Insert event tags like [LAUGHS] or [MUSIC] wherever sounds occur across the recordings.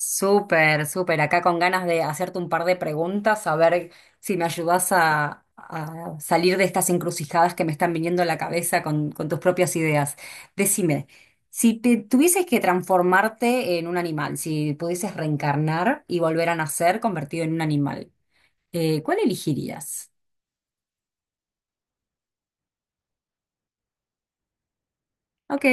Súper, súper. Acá con ganas de hacerte un par de preguntas, a ver si me ayudas a salir de estas encrucijadas que me están viniendo a la cabeza con tus propias ideas. Decime, si te tuvieses que transformarte en un animal, si pudieses reencarnar y volver a nacer convertido en un animal, ¿cuál elegirías? Ok,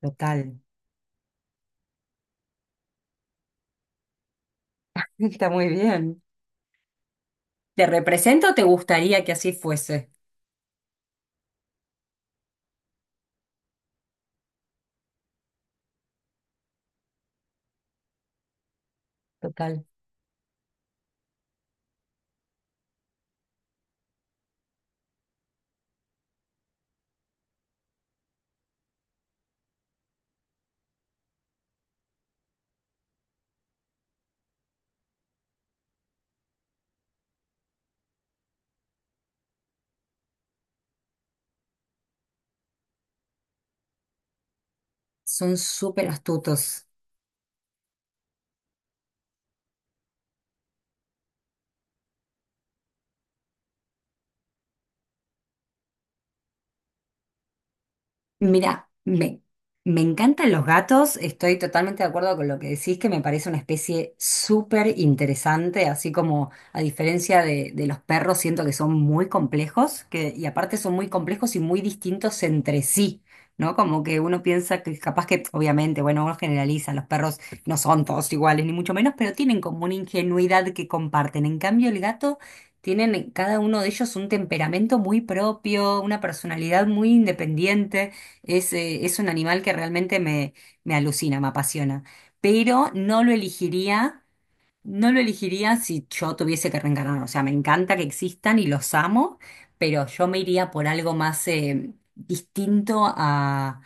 total. [LAUGHS] Está muy bien. ¿Te represento o te gustaría que así fuese? Total. Son súper astutos. Mira, me encantan los gatos, estoy totalmente de acuerdo con lo que decís, que me parece una especie súper interesante, así como a diferencia de los perros, siento que son muy complejos, y aparte son muy complejos y muy distintos entre sí, ¿no? Como que uno piensa que capaz que, obviamente, bueno, uno generaliza, los perros no son todos iguales, ni mucho menos, pero tienen como una ingenuidad que comparten. En cambio, el gato... Tienen cada uno de ellos un temperamento muy propio, una personalidad muy independiente. Es un animal que realmente me alucina, me apasiona, pero no lo elegiría. No lo elegiría si yo tuviese que reencarnar. O sea, me encanta que existan y los amo, pero yo me iría por algo más distinto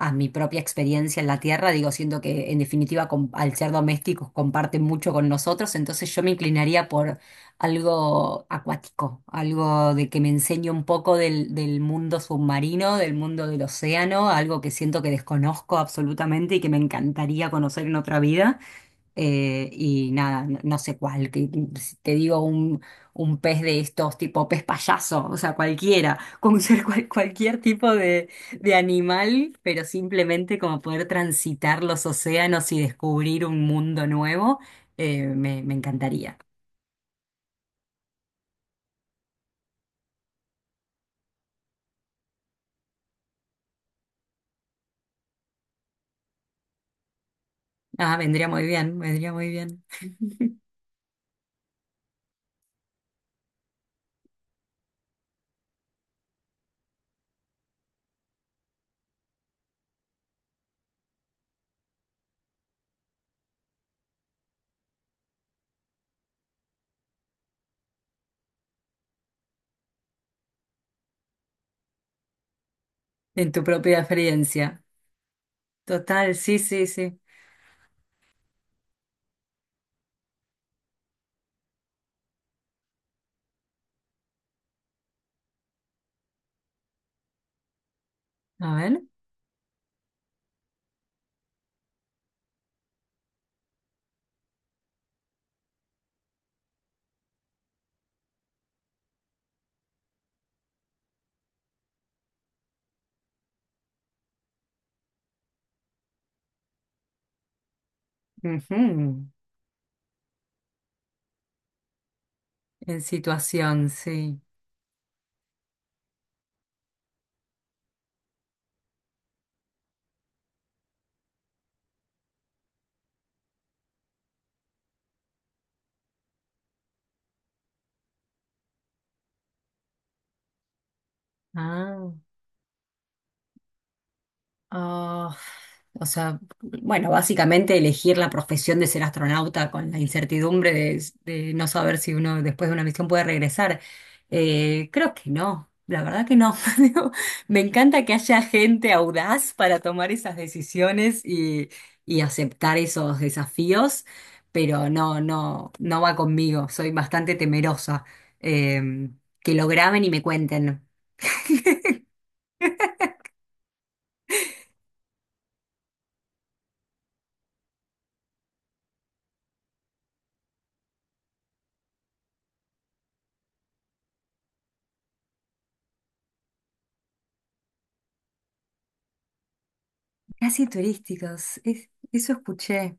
a mi propia experiencia en la Tierra. Digo, siento que en definitiva al ser domésticos comparten mucho con nosotros, entonces yo me inclinaría por algo acuático, algo de que me enseñe un poco del mundo submarino, del mundo del océano, algo que siento que desconozco absolutamente y que me encantaría conocer en otra vida. Y nada, no, no sé cuál, que si te digo un pez de estos, tipo pez payaso, o sea, cualquiera, [LAUGHS] con ser cualquier tipo de animal, pero simplemente como poder transitar los océanos y descubrir un mundo nuevo, me encantaría. Ah, vendría muy bien, vendría muy bien. En tu propia experiencia. Total, sí, sí, sí. A ver. Ujú. En situación, sí. Ah. Ah, o sea, bueno, básicamente elegir la profesión de ser astronauta con la incertidumbre de no saber si uno después de una misión puede regresar. Creo que no, la verdad que no. [LAUGHS] Digo, me encanta que haya gente audaz para tomar esas decisiones y aceptar esos desafíos, pero no, no, no va conmigo. Soy bastante temerosa. Que lo graben y me cuenten. Casi turísticos, eso escuché.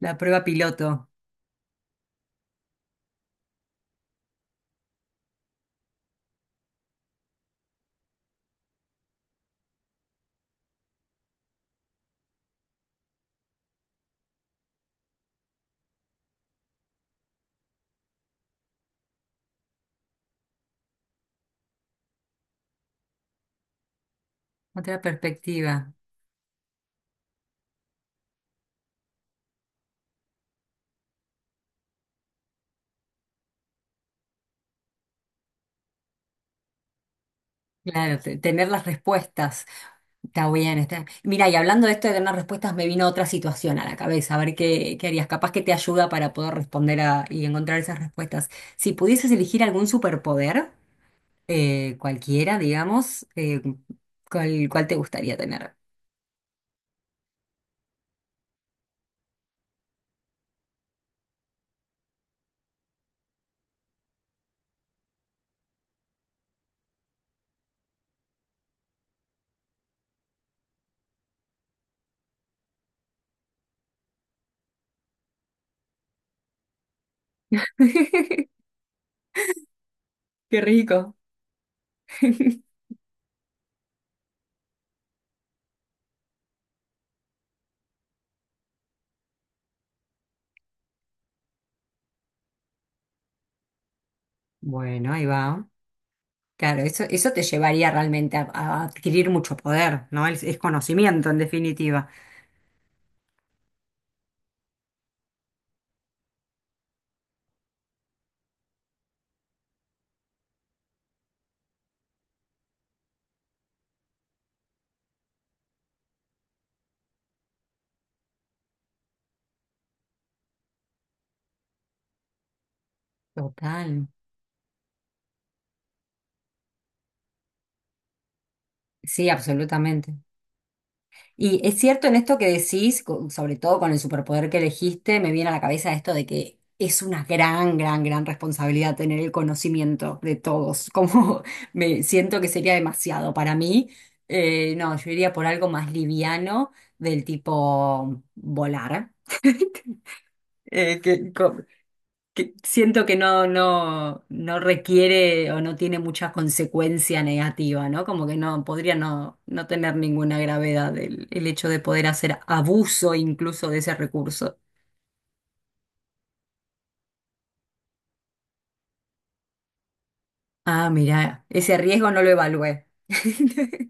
La prueba piloto, otra perspectiva. Claro, tener las respuestas. Está bien, está. Mira, y hablando de esto de tener respuestas, me vino otra situación a la cabeza. A ver qué, qué harías. Capaz que te ayuda para poder responder y encontrar esas respuestas. Si pudieses elegir algún superpoder, cualquiera, digamos, ¿cuál, cuál te gustaría tener? [LAUGHS] Qué rico. [LAUGHS] Bueno, ahí va. Claro, eso te llevaría realmente a adquirir mucho poder, ¿no? Es conocimiento, en definitiva. Total. Sí, absolutamente. Y es cierto en esto que decís, sobre todo con el superpoder que elegiste, me viene a la cabeza esto de que es una gran, gran, gran responsabilidad tener el conocimiento de todos. [LAUGHS] Como me siento que sería demasiado para mí. No, yo iría por algo más liviano del tipo volar. Eh, que co- que siento que no, no, no requiere o no tiene mucha consecuencia negativa, ¿no? Como que no podría no, no tener ninguna gravedad el hecho de poder hacer abuso incluso de ese recurso. Ah, mira, ese riesgo no lo evalué. [LAUGHS]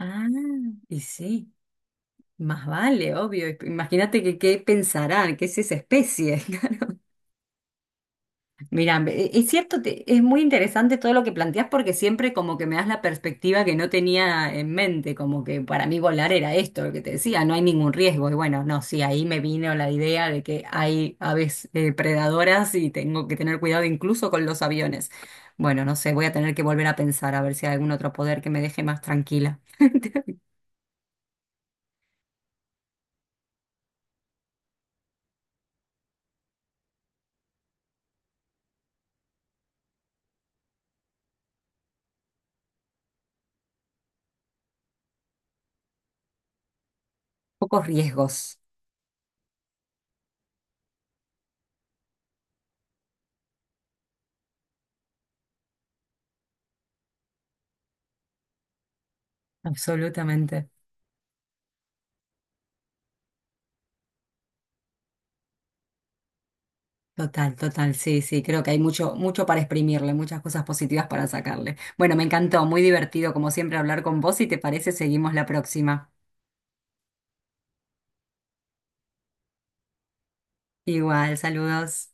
Ah, y sí, más vale, obvio. Imagínate que qué pensarán, qué es esa especie. Mira, es cierto, es muy interesante todo lo que planteas porque siempre como que me das la perspectiva que no tenía en mente, como que para mí volar era esto, lo que te decía, no hay ningún riesgo. Y bueno, no, sí, ahí me vino la idea de que hay aves predadoras y tengo que tener cuidado incluso con los aviones. Bueno, no sé, voy a tener que volver a pensar a ver si hay algún otro poder que me deje más tranquila. Pocos riesgos, absolutamente. Total, total, sí, sí, creo que hay mucho, mucho para exprimirle, muchas cosas positivas para sacarle. Bueno, me encantó, muy divertido como siempre hablar con vos y te parece, seguimos la próxima. Igual, saludos.